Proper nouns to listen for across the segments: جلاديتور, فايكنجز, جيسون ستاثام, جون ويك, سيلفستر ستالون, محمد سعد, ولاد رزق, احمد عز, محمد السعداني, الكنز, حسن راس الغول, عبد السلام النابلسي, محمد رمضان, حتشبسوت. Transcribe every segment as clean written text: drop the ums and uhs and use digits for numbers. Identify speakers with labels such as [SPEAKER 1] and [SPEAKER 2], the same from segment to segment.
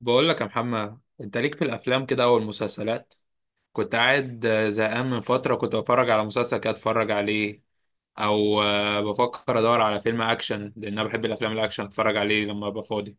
[SPEAKER 1] بقول لك يا محمد، انت ليك في الافلام كده او المسلسلات؟ كنت قاعد زهقان من فتره، كنت بتفرج على مسلسل كده اتفرج عليه. او بفكر ادور على فيلم اكشن، لان انا بحب الافلام الاكشن اتفرج عليه لما ابقى فاضي.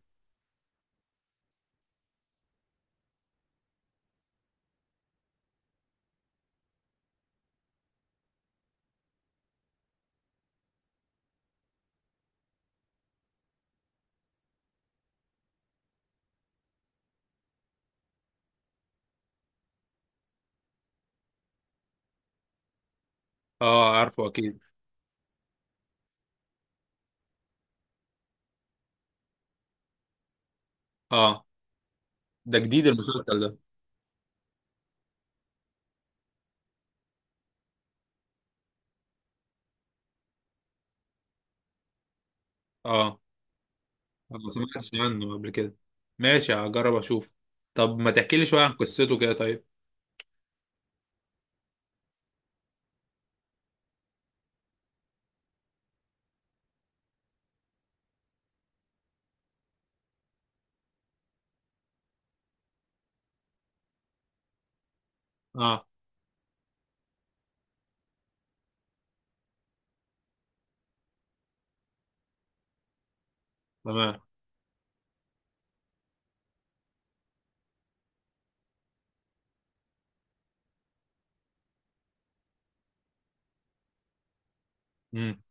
[SPEAKER 1] اه، عارفه اكيد. اه، ده جديد المسلسل ده؟ اه، أنا ما سمعتش عنه قبل كده. ماشي، هجرب اشوف. طب ما تحكي لي شويه عن قصته كده، طيب؟ اه. تمام. امم.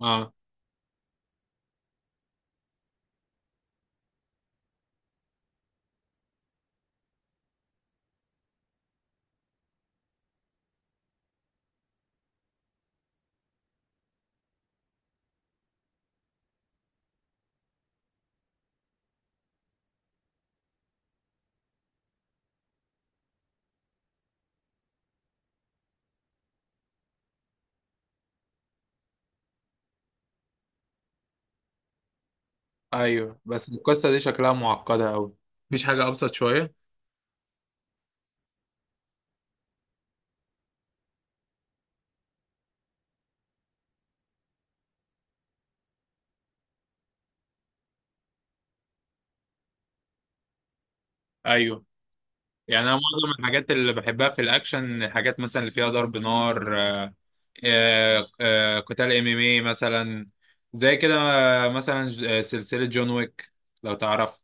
[SPEAKER 1] اه. ايوه، بس القصه دي شكلها معقده قوي. مفيش حاجه ابسط شويه؟ ايوه. يعني انا معظم الحاجات اللي بحبها في الاكشن، الحاجات مثلا اللي فيها ضرب نار، آه، قتال ام ام اي مثلا، زي كده مثلا سلسلة جون ويك، لو تعرف.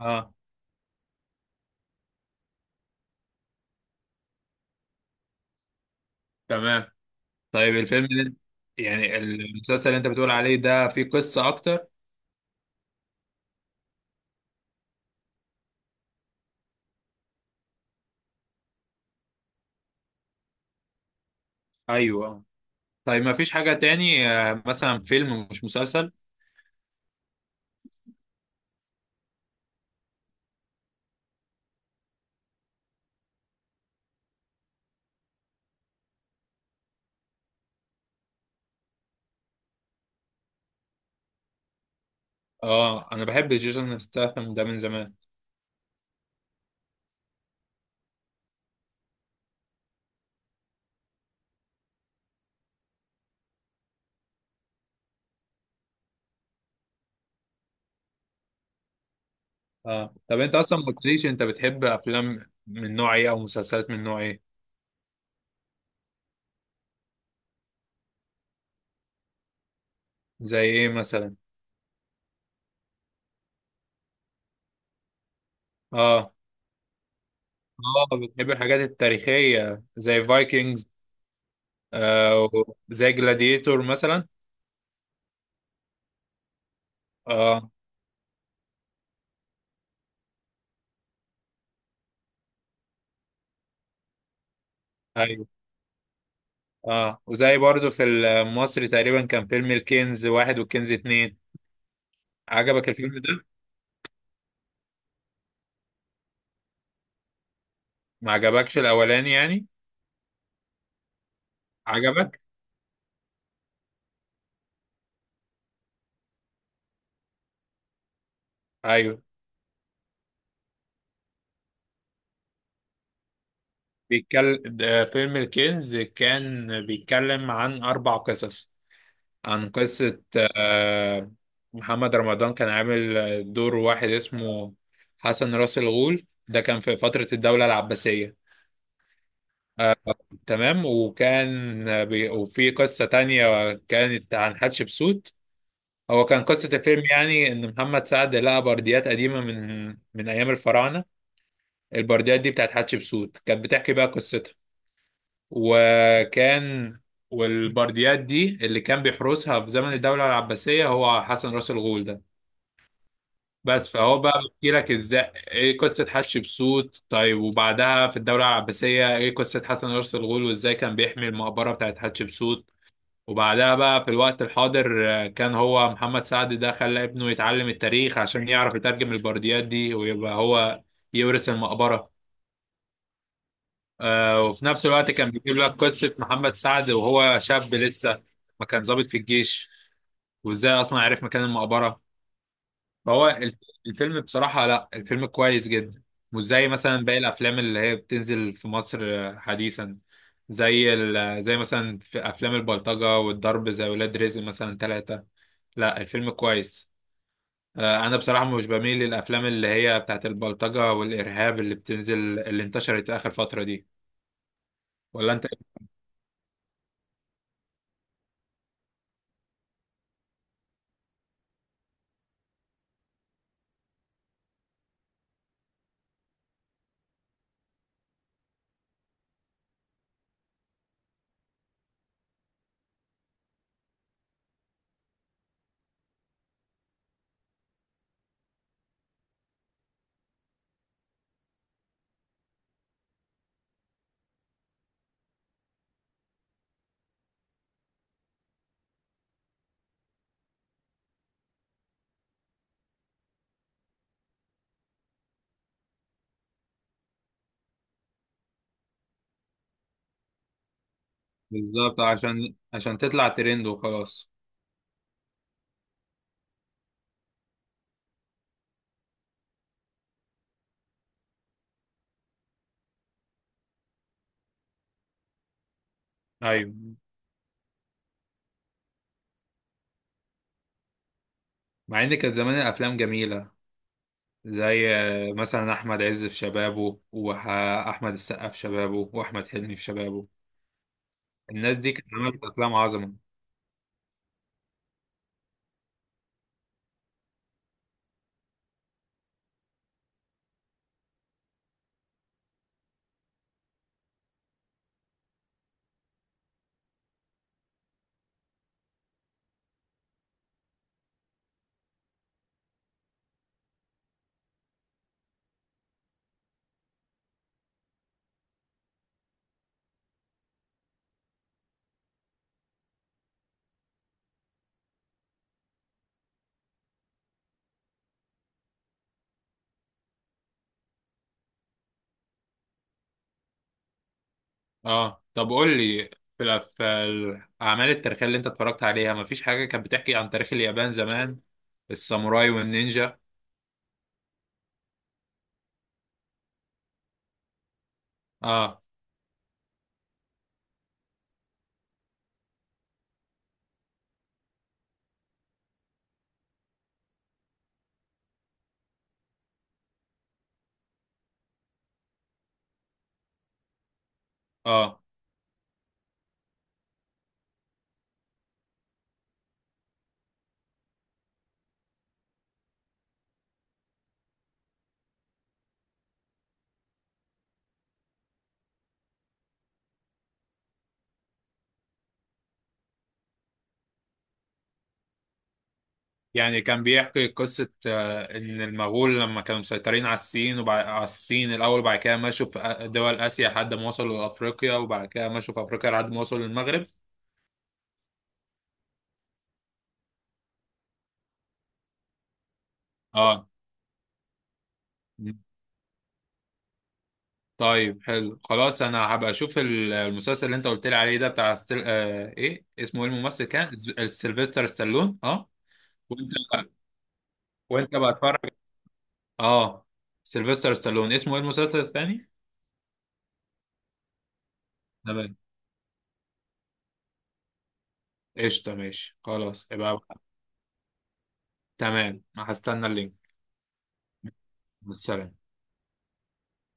[SPEAKER 1] اه، تمام. طيب يعني المسلسل اللي انت بتقول عليه ده فيه قصة اكتر. ايوه. طيب، ما فيش حاجة تاني مثلا فيلم مش مسلسل؟ اه، انا بحب جيسون ستاثام ده من زمان. اه، طب انت اصلا ما قلتليش، انت بتحب افلام من نوع ايه او مسلسلات من نوع ايه؟ زي ايه مثلا؟ اه، اه، بتحب الحاجات التاريخية زي فايكنجز؟ آه، زي جلاديتور مثلا؟ اه، ايوه. اه، وزي برضو في مصر تقريبا كان فيلم الكنز 1 والكنز 2. عجبك الفيلم ده؟ ما عجبكش الأولاني يعني؟ عجبك؟ ايوه، بيتكلم. فيلم الكنز كان بيتكلم عن أربع قصص، عن قصة آه، محمد رمضان، كان عامل دور واحد اسمه حسن راس الغول، ده كان في فترة الدولة العباسية. تمام، وكان وفي قصة تانية كانت عن حتشبسوت. هو كان قصة الفيلم يعني إن محمد سعد لقى برديات قديمة من أيام الفراعنة. البرديات دي بتاعت حتشبسوت كانت بتحكي بقى قصتها. وكان والبرديات دي اللي كان بيحرسها في زمن الدولة العباسية هو حسن راس الغول ده. بس فهو بقى بيحكي لك ازاي ايه قصه حش بسوت، طيب وبعدها في الدوله العباسيه ايه قصه حسن رأس الغول وازاي كان بيحمي المقبره بتاعت حتشبسوت. وبعدها بقى في الوقت الحاضر، كان هو محمد سعد ده خلى ابنه يتعلم التاريخ عشان يعرف يترجم البرديات دي ويبقى هو يورث المقبره. وفي نفس الوقت كان بيجيب لك قصه محمد سعد وهو شاب لسه ما كان ضابط في الجيش وازاي اصلا عرف مكان المقبره. هو الفيلم بصراحة، لا الفيلم كويس جدا. مش زي مثلا باقي الأفلام اللي هي بتنزل في مصر حديثا، زي زي مثلا في أفلام البلطجة والضرب، زي ولاد رزق مثلا 3. لا، الفيلم كويس. أنا بصراحة مش بميل للأفلام اللي هي بتاعت البلطجة والإرهاب اللي بتنزل اللي انتشرت آخر فترة دي. ولا أنت إيه؟ بالظبط، عشان تطلع ترند وخلاص. أيوه، مع إن كانت زمان الأفلام جميلة، زي مثلا احمد عز في شبابه واحمد السقا في شبابه واحمد حلمي في شبابه. الناس دي كانت عملت افلام عظمه. اه، طب قول لي، في الاعمال التاريخيه اللي انت اتفرجت عليها ما فيش حاجه كانت بتحكي عن تاريخ اليابان زمان، الساموراي والنينجا؟ اه. اه، يعني كان بيحكي قصه ان المغول لما كانوا مسيطرين على الصين، وبعد على الصين الاول وبعد كده مشوا في دول اسيا لحد ما وصلوا لافريقيا، وبعد كده مشوا في افريقيا لحد ما وصلوا للمغرب. اه، طيب حلو خلاص، انا هبقى اشوف المسلسل اللي انت قلت لي عليه ده بتاع ايه اسمه، ايه الممثل كان سيلفستر ستالون، اه. وانت بقى وانت بقى اتفرج. اه. سيلفستر ستالون، اسمه ايه المسلسل الثاني؟ تمام. قشطه، ماشي خلاص يبقى. تمام، هستنى اللينك. بالسلامه.